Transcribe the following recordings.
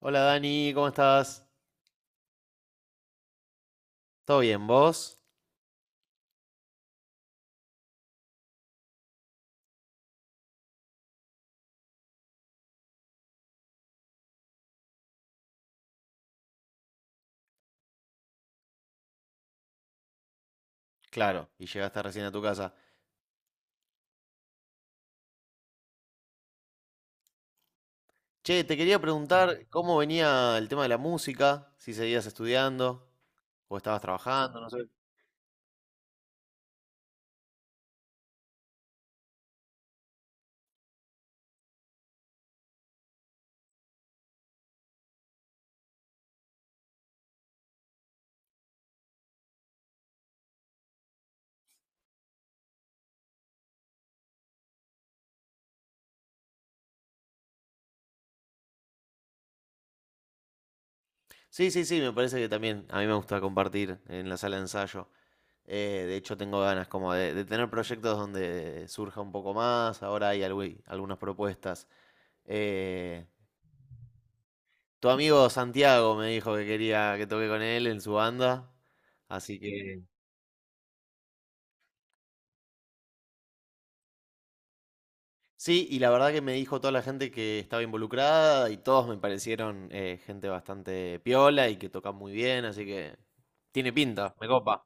Hola Dani, ¿cómo estás? ¿Todo bien, vos? Claro, y llegaste recién a tu casa. Che, te quería preguntar cómo venía el tema de la música, si seguías estudiando o estabas trabajando, no sé. Sí, sí, sí, me parece que también a mí me gusta compartir en la sala de ensayo. De hecho, tengo ganas como de tener proyectos donde surja un poco más. Ahora hay algunas propuestas. Eh, tu amigo Santiago me dijo que quería que toque con él en su banda, así que... Sí, y la verdad que me dijo toda la gente que estaba involucrada y todos me parecieron gente bastante piola y que toca muy bien, así que tiene pinta, me copa.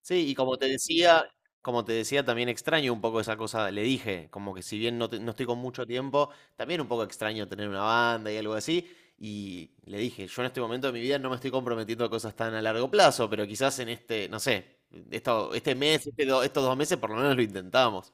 Sí, y como te decía, también extraño un poco esa cosa, le dije, como que si bien no, no estoy con mucho tiempo, también un poco extraño tener una banda y algo así. Y le dije, yo en este momento de mi vida no me estoy comprometiendo a cosas tan a largo plazo, pero quizás en este, no sé, este mes, estos dos meses por lo menos lo intentamos.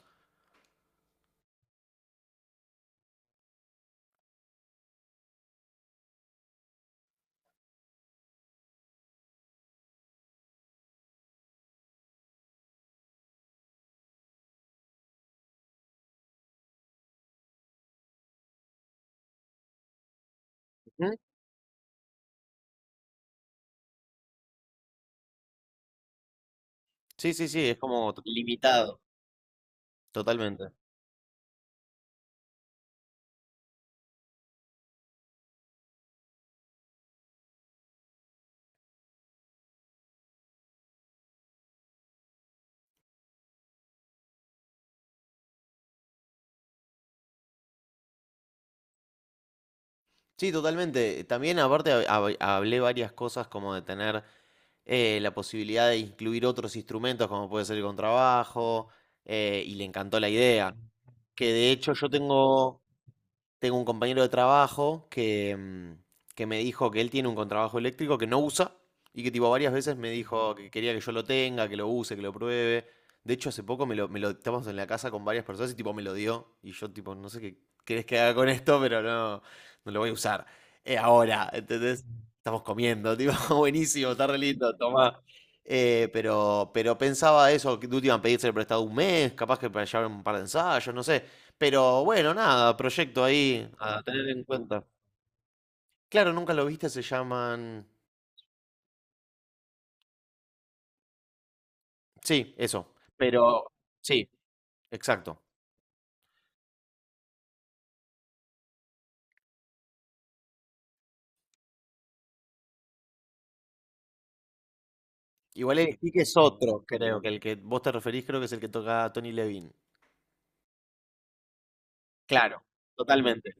Sí, sí, sí, es como limitado. Totalmente. Sí, totalmente. También aparte hablé varias cosas como de tener la posibilidad de incluir otros instrumentos como puede ser el contrabajo, y le encantó la idea. Que de hecho yo tengo... Tengo un compañero de trabajo que, que me dijo que él tiene un contrabajo eléctrico que no usa y que tipo varias veces me dijo que quería que yo lo tenga, que lo use, que lo pruebe. De hecho, hace poco me lo estábamos en la casa con varias personas y tipo me lo dio. Y yo tipo, no sé qué querés que haga con esto, pero no, no lo voy a usar. Ahora, ¿entendés? Estamos comiendo, tipo, buenísimo, está re lindo, tomá. Pero pensaba eso, que de última pedirse prestado un mes, capaz que para llevar un par de ensayos, no sé. Pero bueno, nada, proyecto ahí a tener en cuenta. Claro, nunca lo viste, se llaman. Sí, eso. Pero sí, exacto. Igual el que es otro, creo, que el que vos te referís, creo que es el que toca Tony Levin. Claro, totalmente.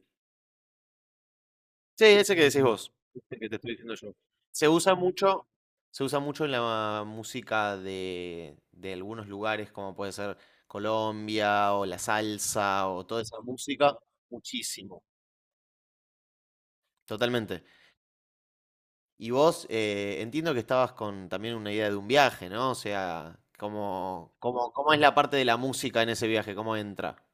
Sí, ese que decís vos. Ese que te estoy diciendo yo. Se usa mucho, en la música de algunos lugares, como puede ser Colombia o la salsa o toda esa música, muchísimo. Totalmente. Y vos, entiendo que estabas con también una idea de un viaje, ¿no? O sea, ¿cómo, cómo es la parte de la música en ese viaje? ¿Cómo entra?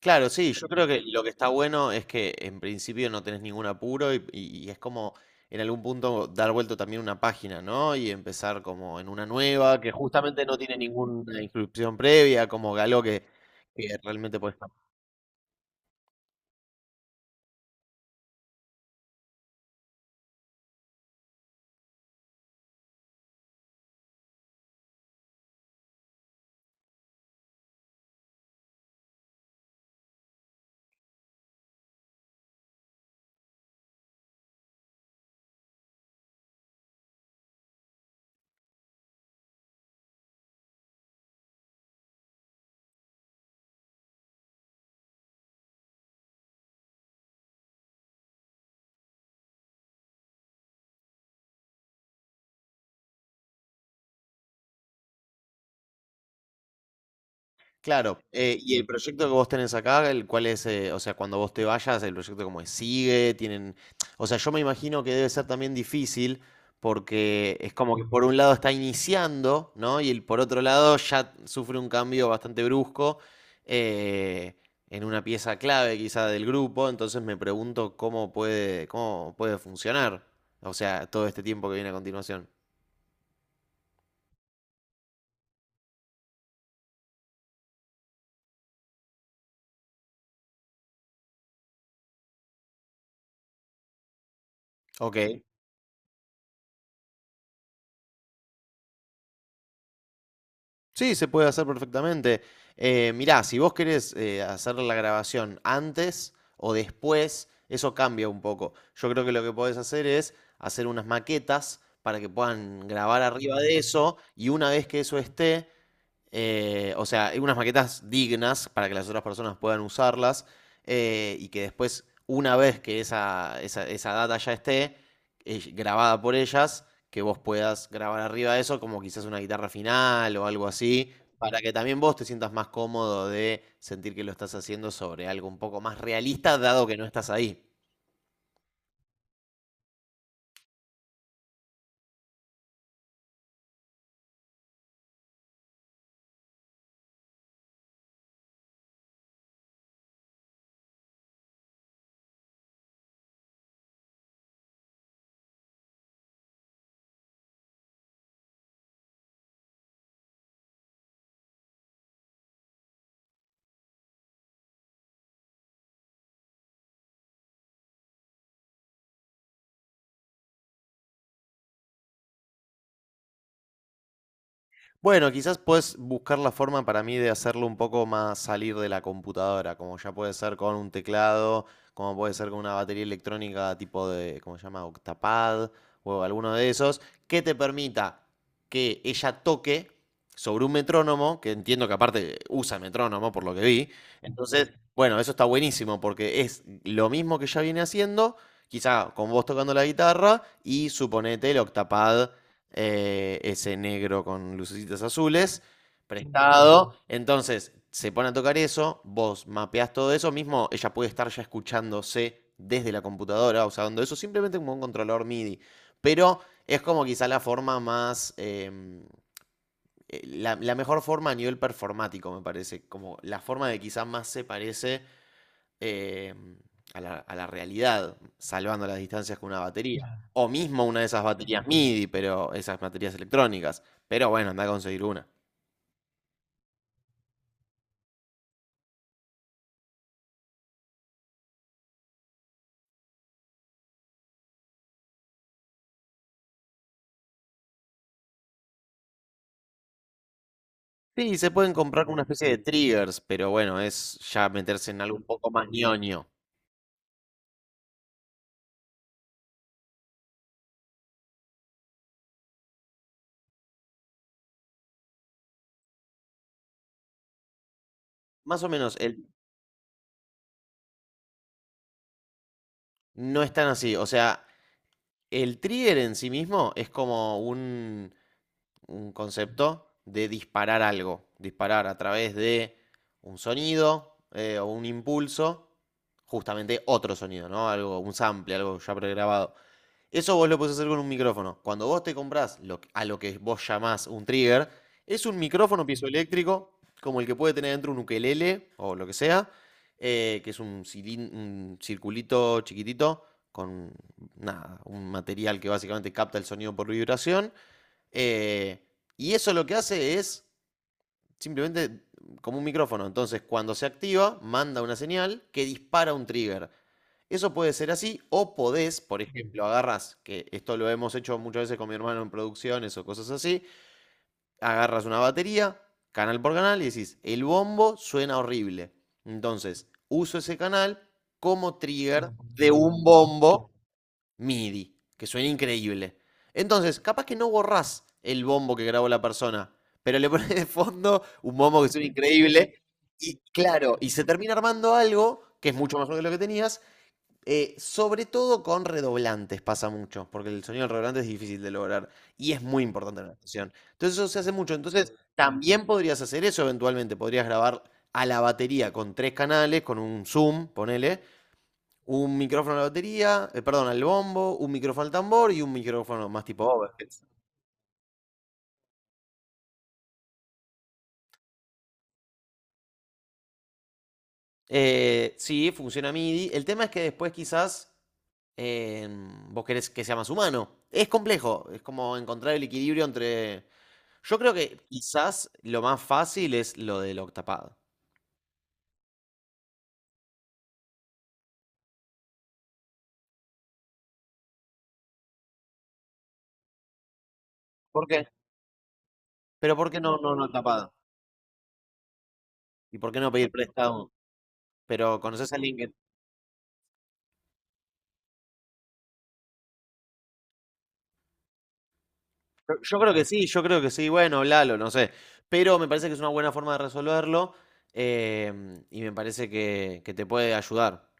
Claro, sí, yo creo que lo que está bueno es que en principio no tenés ningún apuro y, y es como en algún punto dar vuelta también una página, ¿no? Y empezar como en una nueva que justamente no tiene ninguna inscripción previa, como algo que realmente puedes. Claro, y el proyecto que vos tenés acá, el cual es, o sea, cuando vos te vayas, el proyecto como es, sigue, tienen, o sea, yo me imagino que debe ser también difícil porque es como que por un lado está iniciando, ¿no? Y el, por otro lado ya sufre un cambio bastante brusco, eh, en una pieza clave quizá del grupo, entonces me pregunto cómo puede funcionar, o sea, todo este tiempo que viene a continuación. Ok. Sí, se puede hacer perfectamente. Mirá, si vos querés hacer la grabación antes o después, eso cambia un poco. Yo creo que lo que podés hacer es hacer unas maquetas para que puedan grabar arriba de eso y una vez que eso esté, o sea, unas maquetas dignas para que las otras personas puedan usarlas, y que después, una vez que esa data ya esté grabada por ellas, que vos puedas grabar arriba de eso, como quizás una guitarra final o algo así, para que también vos te sientas más cómodo de sentir que lo estás haciendo sobre algo un poco más realista, dado que no estás ahí. Bueno, quizás puedes buscar la forma para mí de hacerlo un poco más salir de la computadora, como ya puede ser con un teclado, como puede ser con una batería electrónica tipo de, ¿cómo se llama? Octapad o alguno de esos, que te permita que ella toque sobre un metrónomo, que entiendo que aparte usa metrónomo por lo que vi. Entonces, bueno, eso está buenísimo porque es lo mismo que ya viene haciendo, quizá con vos tocando la guitarra y suponete el Octapad, ese negro con lucecitas azules, prestado. Entonces, se pone a tocar eso, vos mapeás todo eso mismo, ella puede estar ya escuchándose desde la computadora, usando eso simplemente como un controlador MIDI. Pero es como quizá la forma más... la mejor forma a nivel performático, me parece. Como la forma de quizá más se parece, eh, a a la realidad, salvando las distancias con una batería. Claro. O mismo una de esas baterías MIDI, pero esas baterías electrónicas. Pero bueno, anda a conseguir una. Sí, se pueden comprar con una especie de triggers, pero bueno, es ya meterse en algo un poco más ñoño. Más o menos, no es tan así. O sea, el trigger en sí mismo es como un concepto de disparar algo, disparar a través de un sonido, o un impulso, justamente otro sonido, ¿no? Algo, un sample, algo ya pregrabado. Eso vos lo podés hacer con un micrófono. Cuando vos te comprás lo a lo que vos llamás un trigger, es un micrófono piezoeléctrico, como el que puede tener dentro un ukelele o lo que sea, que es un circulito chiquitito con nada, un material que básicamente capta el sonido por vibración, eh, y eso lo que hace es simplemente como un micrófono. Entonces, cuando se activa, manda una señal que dispara un trigger. Eso puede ser así, o podés, por ejemplo, agarras, que esto lo hemos hecho muchas veces con mi hermano en producciones o cosas así, agarras una batería, canal por canal, y decís, el bombo suena horrible. Entonces, uso ese canal como trigger de un bombo MIDI, que suena increíble. Entonces, capaz que no borrás el bombo que grabó la persona, pero le pones de fondo un bombo que suena increíble y claro, y se termina armando algo que es mucho mejor que lo que tenías, sobre todo con redoblantes pasa mucho, porque el sonido del redoblante es difícil de lograr y es muy importante en la actuación. Entonces eso se hace mucho. Entonces también podrías hacer eso eventualmente, podrías grabar a la batería con tres canales, con un zoom, ponele, un micrófono a la batería, perdón, al bombo, un micrófono al tambor y un micrófono más tipo overheads. Sí, funciona MIDI. El tema es que después quizás eh, vos querés que sea más humano. Es complejo, es como encontrar el equilibrio entre... Yo creo que quizás lo más fácil es lo del octapado. ¿Por qué? Pero ¿por qué no, no octapado? ¿Y por qué no pedir prestado? Pero conoces a alguien que... Yo, creo que sí, yo creo que sí, bueno, hablalo, no sé. Pero me parece que es una buena forma de resolverlo, y me parece que te puede ayudar.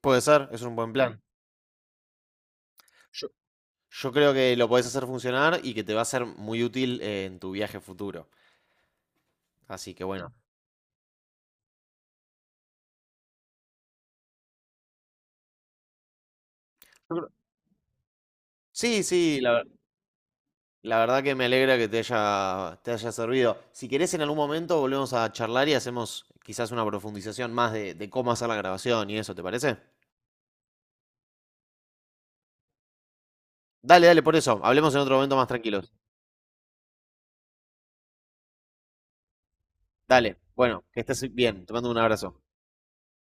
Puede ser, es un buen plan. Yo creo que lo podés hacer funcionar y que te va a ser muy útil en tu viaje futuro. Así que bueno. yo creo- Sí, sí, la verdad que me alegra que te haya servido. Si querés, en algún momento volvemos a charlar y hacemos quizás una profundización más de cómo hacer la grabación y eso, ¿te parece? Dale, dale, por eso. Hablemos en otro momento más tranquilos. Dale, bueno, que estés bien. Te mando un abrazo.